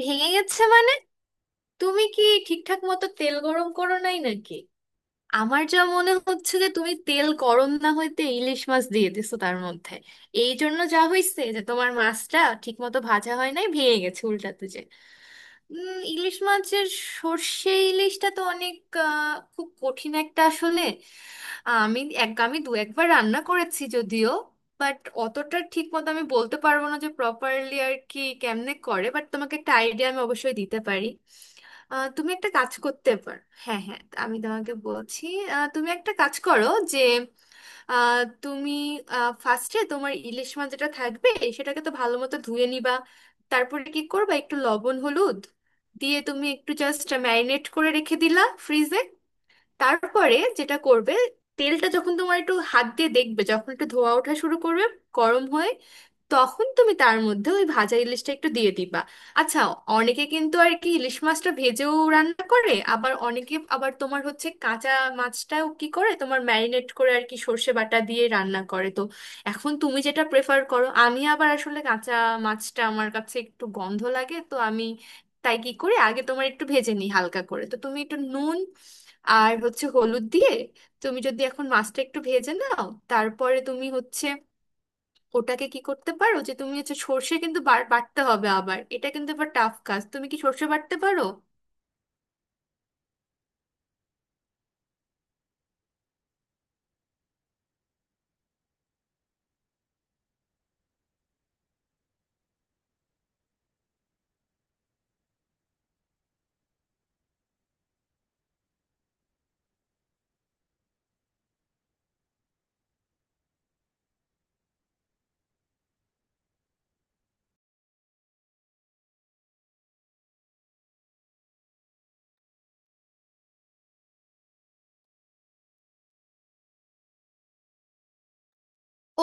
ভেঙে গেছে মানে? তুমি কি ঠিকঠাক মতো তেল গরম করো নাই নাকি? আমার যা মনে হচ্ছে যে তুমি তেল গরম না হইতে ইলিশ মাছ দিয়ে দিছো তার মধ্যে। এই জন্য যা হয়েছে যে তোমার মাছটা ঠিক মতো ভাজা হয় নাই, ভেঙে গেছে উল্টাতে যে। ইলিশ মাছের সর্ষে ইলিশটা তো অনেক, খুব কঠিন একটা আসলে। আমি দু একবার রান্না করেছি যদিও, বাট অতটা ঠিক মতো আমি বলতে পারবো না যে প্রপারলি আর কি কেমনে করে। বাট তোমাকে একটা আইডিয়া আমি অবশ্যই দিতে পারি। তুমি একটা কাজ করতে পারো। হ্যাঁ হ্যাঁ, আমি তোমাকে বলছি। তুমি একটা কাজ করো যে, আহ, তুমি ফার্স্টে তোমার ইলিশ মাছ যেটা থাকবে সেটাকে তো ভালো মতো ধুয়ে নিবা। তারপরে কি করবা, একটু লবণ হলুদ দিয়ে তুমি একটু জাস্ট ম্যারিনেট করে রেখে দিলা ফ্রিজে। তারপরে যেটা করবে, তেলটা যখন তোমার একটু হাত দিয়ে দেখবে যখন একটু ধোয়া ওঠা শুরু করবে গরম হয়ে, তখন তুমি তার মধ্যে ওই ভাজা ইলিশটা একটু দিয়ে দিবা। আচ্ছা, অনেকে কিন্তু আর কি ইলিশ মাছটা ভেজেও রান্না করে, আবার অনেকে আবার তোমার হচ্ছে কাঁচা মাছটাও কি করে তোমার ম্যারিনেট করে আর কি সর্ষে বাটা দিয়ে রান্না করে। তো এখন তুমি যেটা প্রেফার করো। আমি আবার আসলে কাঁচা মাছটা আমার কাছে একটু গন্ধ লাগে, তো আমি তাই কি করি, আগে তোমার একটু ভেজে নিই হালকা করে। তো তুমি একটু নুন আর হচ্ছে হলুদ দিয়ে তুমি যদি এখন মাছটা একটু ভেজে নাও, তারপরে তুমি হচ্ছে ওটাকে কি করতে পারো যে তুমি হচ্ছে সর্ষে কিন্তু বার বাটতে হবে। আবার এটা কিন্তু আবার টাফ কাজ, তুমি কি সর্ষে বাটতে পারো?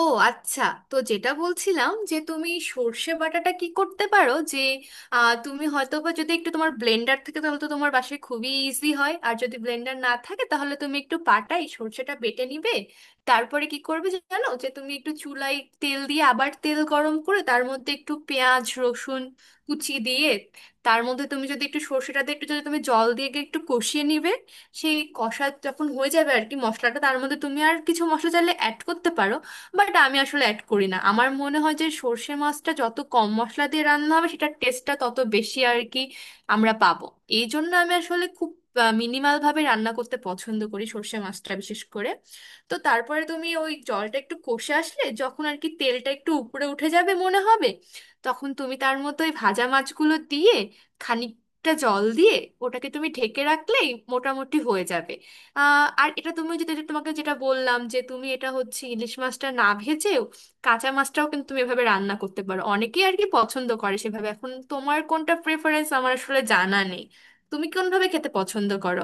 ও আচ্ছা, তো যেটা বলছিলাম যে তুমি সর্ষে বাটাটা কি করতে পারো যে তুমি হয়তো বা যদি একটু তোমার ব্লেন্ডার থাকে তাহলে তো তোমার বাসায় খুবই ইজি হয়। আর যদি ব্লেন্ডার না থাকে তাহলে তুমি একটু পাটাই সর্ষেটা বেটে নিবে। তারপরে কি করবে জানো, যে তুমি একটু চুলায় তেল দিয়ে আবার তেল গরম করে তার মধ্যে একটু পেঁয়াজ রসুন কুচি দিয়ে, তার মধ্যে তুমি যদি একটু সর্ষেটা দিয়ে একটু যদি তুমি জল দিয়ে একটু কষিয়ে নিবে। সেই কষা যখন হয়ে যাবে আর কি মশলাটা, তার মধ্যে তুমি আর কিছু মশলা চাইলে অ্যাড করতে পারো। বাট আমি আসলে অ্যাড করি না, আমার মনে হয় যে সর্ষে মাছটা যত কম মশলা দিয়ে রান্না হবে সেটার টেস্টটা তত বেশি আর কি আমরা পাবো। এই জন্য আমি আসলে খুব মিনিমাল ভাবে রান্না করতে পছন্দ করি সর্ষে মাছটা, বিশেষ করে। তো তারপরে তুমি ওই জলটা একটু কষে আসলে যখন আর কি তেলটা একটু উপরে উঠে যাবে মনে হবে, তখন তুমি তার মতো ওই ভাজা মাছগুলো দিয়ে খানিকটা জল দিয়ে ওটাকে তুমি ঢেকে রাখলেই মোটামুটি হয়ে যাবে। আর এটা তুমি যেটা যেটা তোমাকে যেটা বললাম যে তুমি এটা হচ্ছে ইলিশ মাছটা না ভেজেও কাঁচা মাছটাও কিন্তু তুমি এভাবে রান্না করতে পারো। অনেকেই আর কি পছন্দ করে সেভাবে। এখন তোমার কোনটা প্রেফারেন্স আমার আসলে জানা নেই, তুমি কোনভাবে খেতে পছন্দ করো।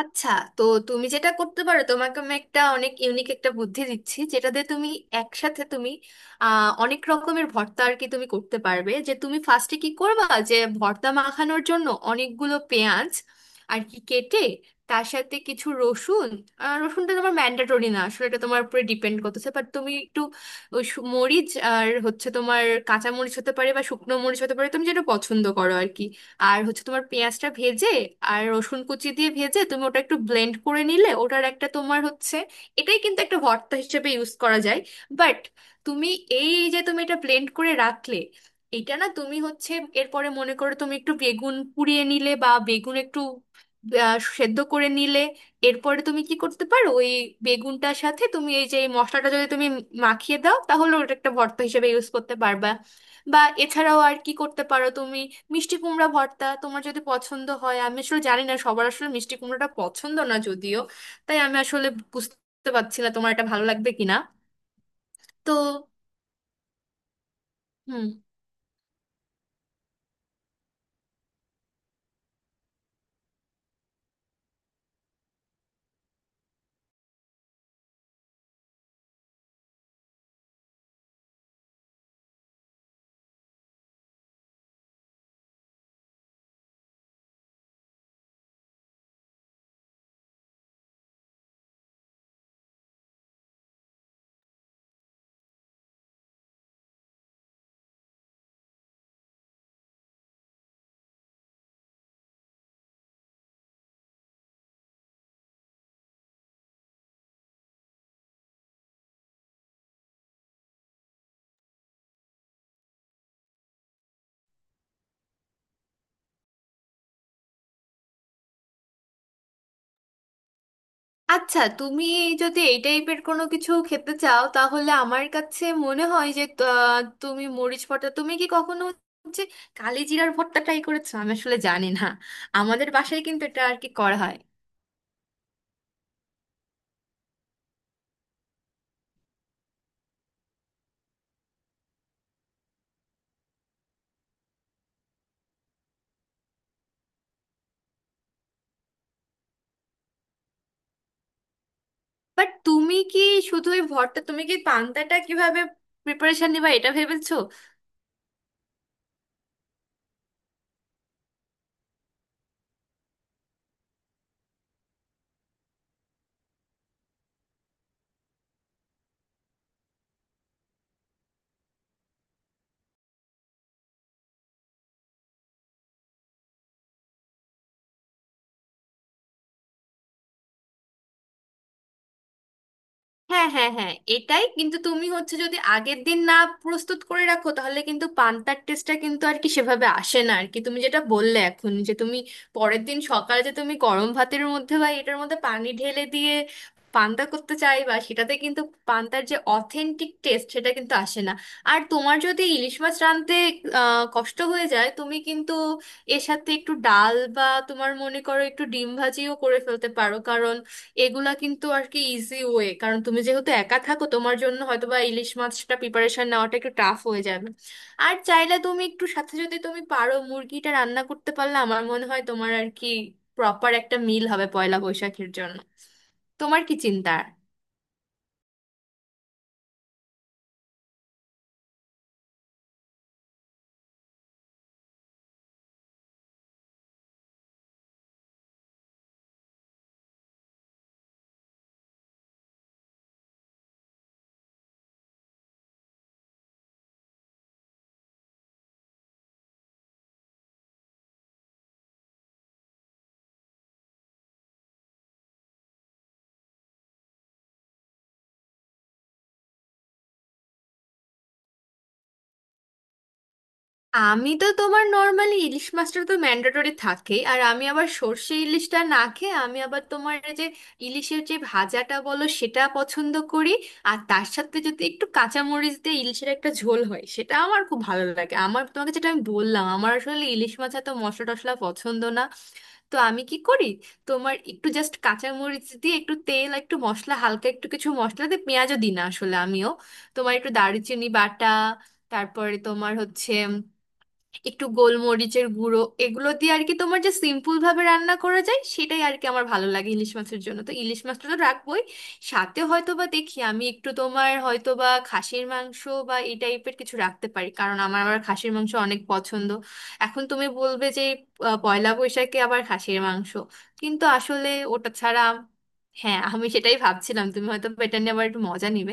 আচ্ছা, তো তুমি যেটা করতে পারো, তোমাকে আমি একটা অনেক ইউনিক একটা বুদ্ধি দিচ্ছি যেটা দিয়ে তুমি একসাথে তুমি অনেক রকমের ভর্তা আর কি তুমি করতে পারবে। যে তুমি ফার্স্টে কি করবা, যে ভর্তা মাখানোর জন্য অনেকগুলো পেঁয়াজ আর কি কেটে তার সাথে কিছু রসুন, রসুনটা তোমার ম্যান্ডেটরি না আসলে, এটা তোমার উপরে ডিপেন্ড করতেছে। বাট তুমি একটু মরিচ, আর হচ্ছে তোমার কাঁচা মরিচ হতে পারে বা শুকনো মরিচ হতে পারে, তুমি যেটা পছন্দ করো আর কি। আর হচ্ছে তোমার পেঁয়াজটা ভেজে আর রসুন কুচি দিয়ে ভেজে তুমি ওটা একটু ব্লেন্ড করে নিলে ওটার একটা তোমার হচ্ছে, এটাই কিন্তু একটা ভর্তা হিসেবে ইউজ করা যায়। বাট তুমি এই যে তুমি এটা ব্লেন্ড করে রাখলে, এটা না তুমি হচ্ছে এরপরে মনে করো তুমি একটু বেগুন পুড়িয়ে নিলে বা বেগুন একটু সেদ্ধ করে নিলে, এরপরে তুমি কি করতে পারো, ওই বেগুনটার সাথে তুমি এই যে এই মশলাটা যদি তুমি মাখিয়ে দাও, তাহলে ওটা একটা ভর্তা হিসেবে ইউজ করতে পারবা। বা এছাড়াও আর কি করতে পারো, তুমি মিষ্টি কুমড়া ভর্তা তোমার যদি পছন্দ হয়। আমি আসলে জানি না, সবার আসলে মিষ্টি কুমড়াটা পছন্দ না যদিও, তাই আমি আসলে বুঝতে পারছি না তোমার এটা ভালো লাগবে কিনা। তো হুম। আচ্ছা, তুমি যদি এই টাইপের কোনো কিছু খেতে চাও তাহলে আমার কাছে মনে হয় যে তুমি মরিচ ভর্তা, তুমি কি কখনো হচ্ছে কালিজিরার ভর্তা ট্রাই করেছো? আমি আসলে জানি না, আমাদের বাসায় কিন্তু এটা আর কি করা হয়। বাট তুমি কি শুধু এই ভর্তা, তুমি কি পান্তাটা কিভাবে প্রিপারেশন নিবা এটা ভেবেছো? হ্যাঁ হ্যাঁ হ্যাঁ, এটাই কিন্তু, তুমি হচ্ছে যদি আগের দিন না প্রস্তুত করে রাখো তাহলে কিন্তু পান্তার টেস্টটা কিন্তু আর কি সেভাবে আসে না আর কি। তুমি যেটা বললে এখন যে তুমি পরের দিন সকালে যে তুমি গরম ভাতের মধ্যে বা এটার মধ্যে পানি ঢেলে দিয়ে পান্তা করতে চাইবা, সেটাতে কিন্তু পান্তার যে অথেন্টিক টেস্ট সেটা কিন্তু আসে না। আর তোমার যদি ইলিশ মাছ রাঁধতে কষ্ট হয়ে যায়, তুমি কিন্তু এর সাথে একটু ডাল বা তোমার মনে করো একটু ডিম ভাজিও করে ফেলতে পারো, কারণ এগুলা কিন্তু আর কি ইজি ওয়ে। কারণ তুমি যেহেতু একা থাকো, তোমার জন্য হয়তো বা ইলিশ মাছটা প্রিপারেশন নেওয়াটা একটু টাফ হয়ে যাবে। আর চাইলে তুমি একটু সাথে যদি তুমি পারো মুরগিটা রান্না করতে পারলে আমার মনে হয় তোমার আর কি প্রপার একটা মিল হবে পয়লা বৈশাখের জন্য। তোমার কি চিন্তা? আমি তো তোমার নর্মালি ইলিশ মাছটা তো ম্যান্ডেটরি থাকে। আর আমি আবার সর্ষে ইলিশটা না খেয়ে আমি আবার তোমার এই যে ইলিশের যে ভাজাটা বলো সেটা পছন্দ করি। আর তার সাথে যদি একটু কাঁচামরিচ দিয়ে ইলিশের একটা ঝোল হয় সেটা আমার খুব ভালো লাগে। আমার তোমাকে যেটা আমি বললাম, আমার আসলে ইলিশ মাছ এত মশলা টশলা পছন্দ না। তো আমি কি করি, তোমার একটু জাস্ট কাঁচামরিচ দিয়ে একটু তেল আর একটু মশলা হালকা একটু কিছু মশলা দিয়ে, পেঁয়াজও দিই না আসলে আমিও। তোমার একটু দারুচিনি বাটা, তারপরে তোমার হচ্ছে একটু গোলমরিচের গুঁড়ো, এগুলো দিয়ে আর কি তোমার যে সিম্পল ভাবে রান্না করা যায় সেটাই আর কি আমার ভালো লাগে ইলিশ মাছের জন্য। তো ইলিশ মাছটা তো রাখবোই, সাথে হয়তো বা দেখি আমি একটু তোমার হয়তো বা খাসির মাংস বা এই টাইপের কিছু রাখতে পারি, কারণ আমার আবার খাসির মাংস অনেক পছন্দ। এখন তুমি বলবে যে পয়লা বৈশাখে আবার খাসির মাংস? কিন্তু আসলে ওটা ছাড়া, হ্যাঁ, আমি সেটাই ভাবছিলাম তুমি হয়তো বা এটা নিয়ে আবার একটু মজা নিবে।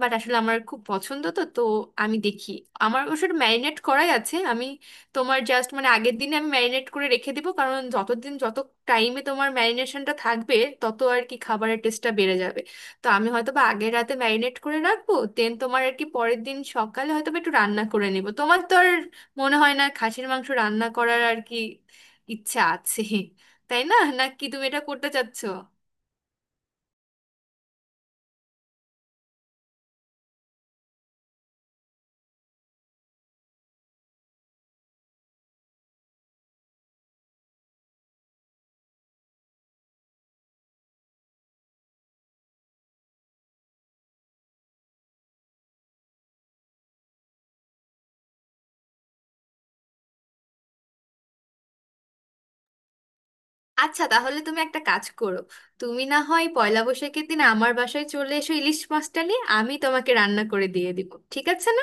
বাট আসলে আমার খুব পছন্দ, তো তো আমি দেখি। আমার অবশ্য ম্যারিনেট করাই আছে। আমি তোমার জাস্ট মানে আগের দিনে আমি ম্যারিনেট করে রেখে দিব, কারণ যতদিন যত টাইমে তোমার ম্যারিনেশনটা থাকবে তত আর কি খাবারের টেস্টটা বেড়ে যাবে। তো আমি হয়তো বা আগের রাতে ম্যারিনেট করে রাখবো, দেন তোমার আর কি পরের দিন সকালে হয়তো বা একটু রান্না করে নেব। তোমার তো আর মনে হয় না খাসির মাংস রান্না করার আর কি ইচ্ছা আছে, তাই না? নাকি তুমি এটা করতে চাচ্ছো? আচ্ছা, তাহলে তুমি একটা কাজ করো, তুমি না হয় পয়লা বৈশাখের দিন আমার বাসায় চলে এসো ইলিশ মাছটা নিয়ে, আমি তোমাকে রান্না করে দিয়ে দিব। ঠিক আছে না?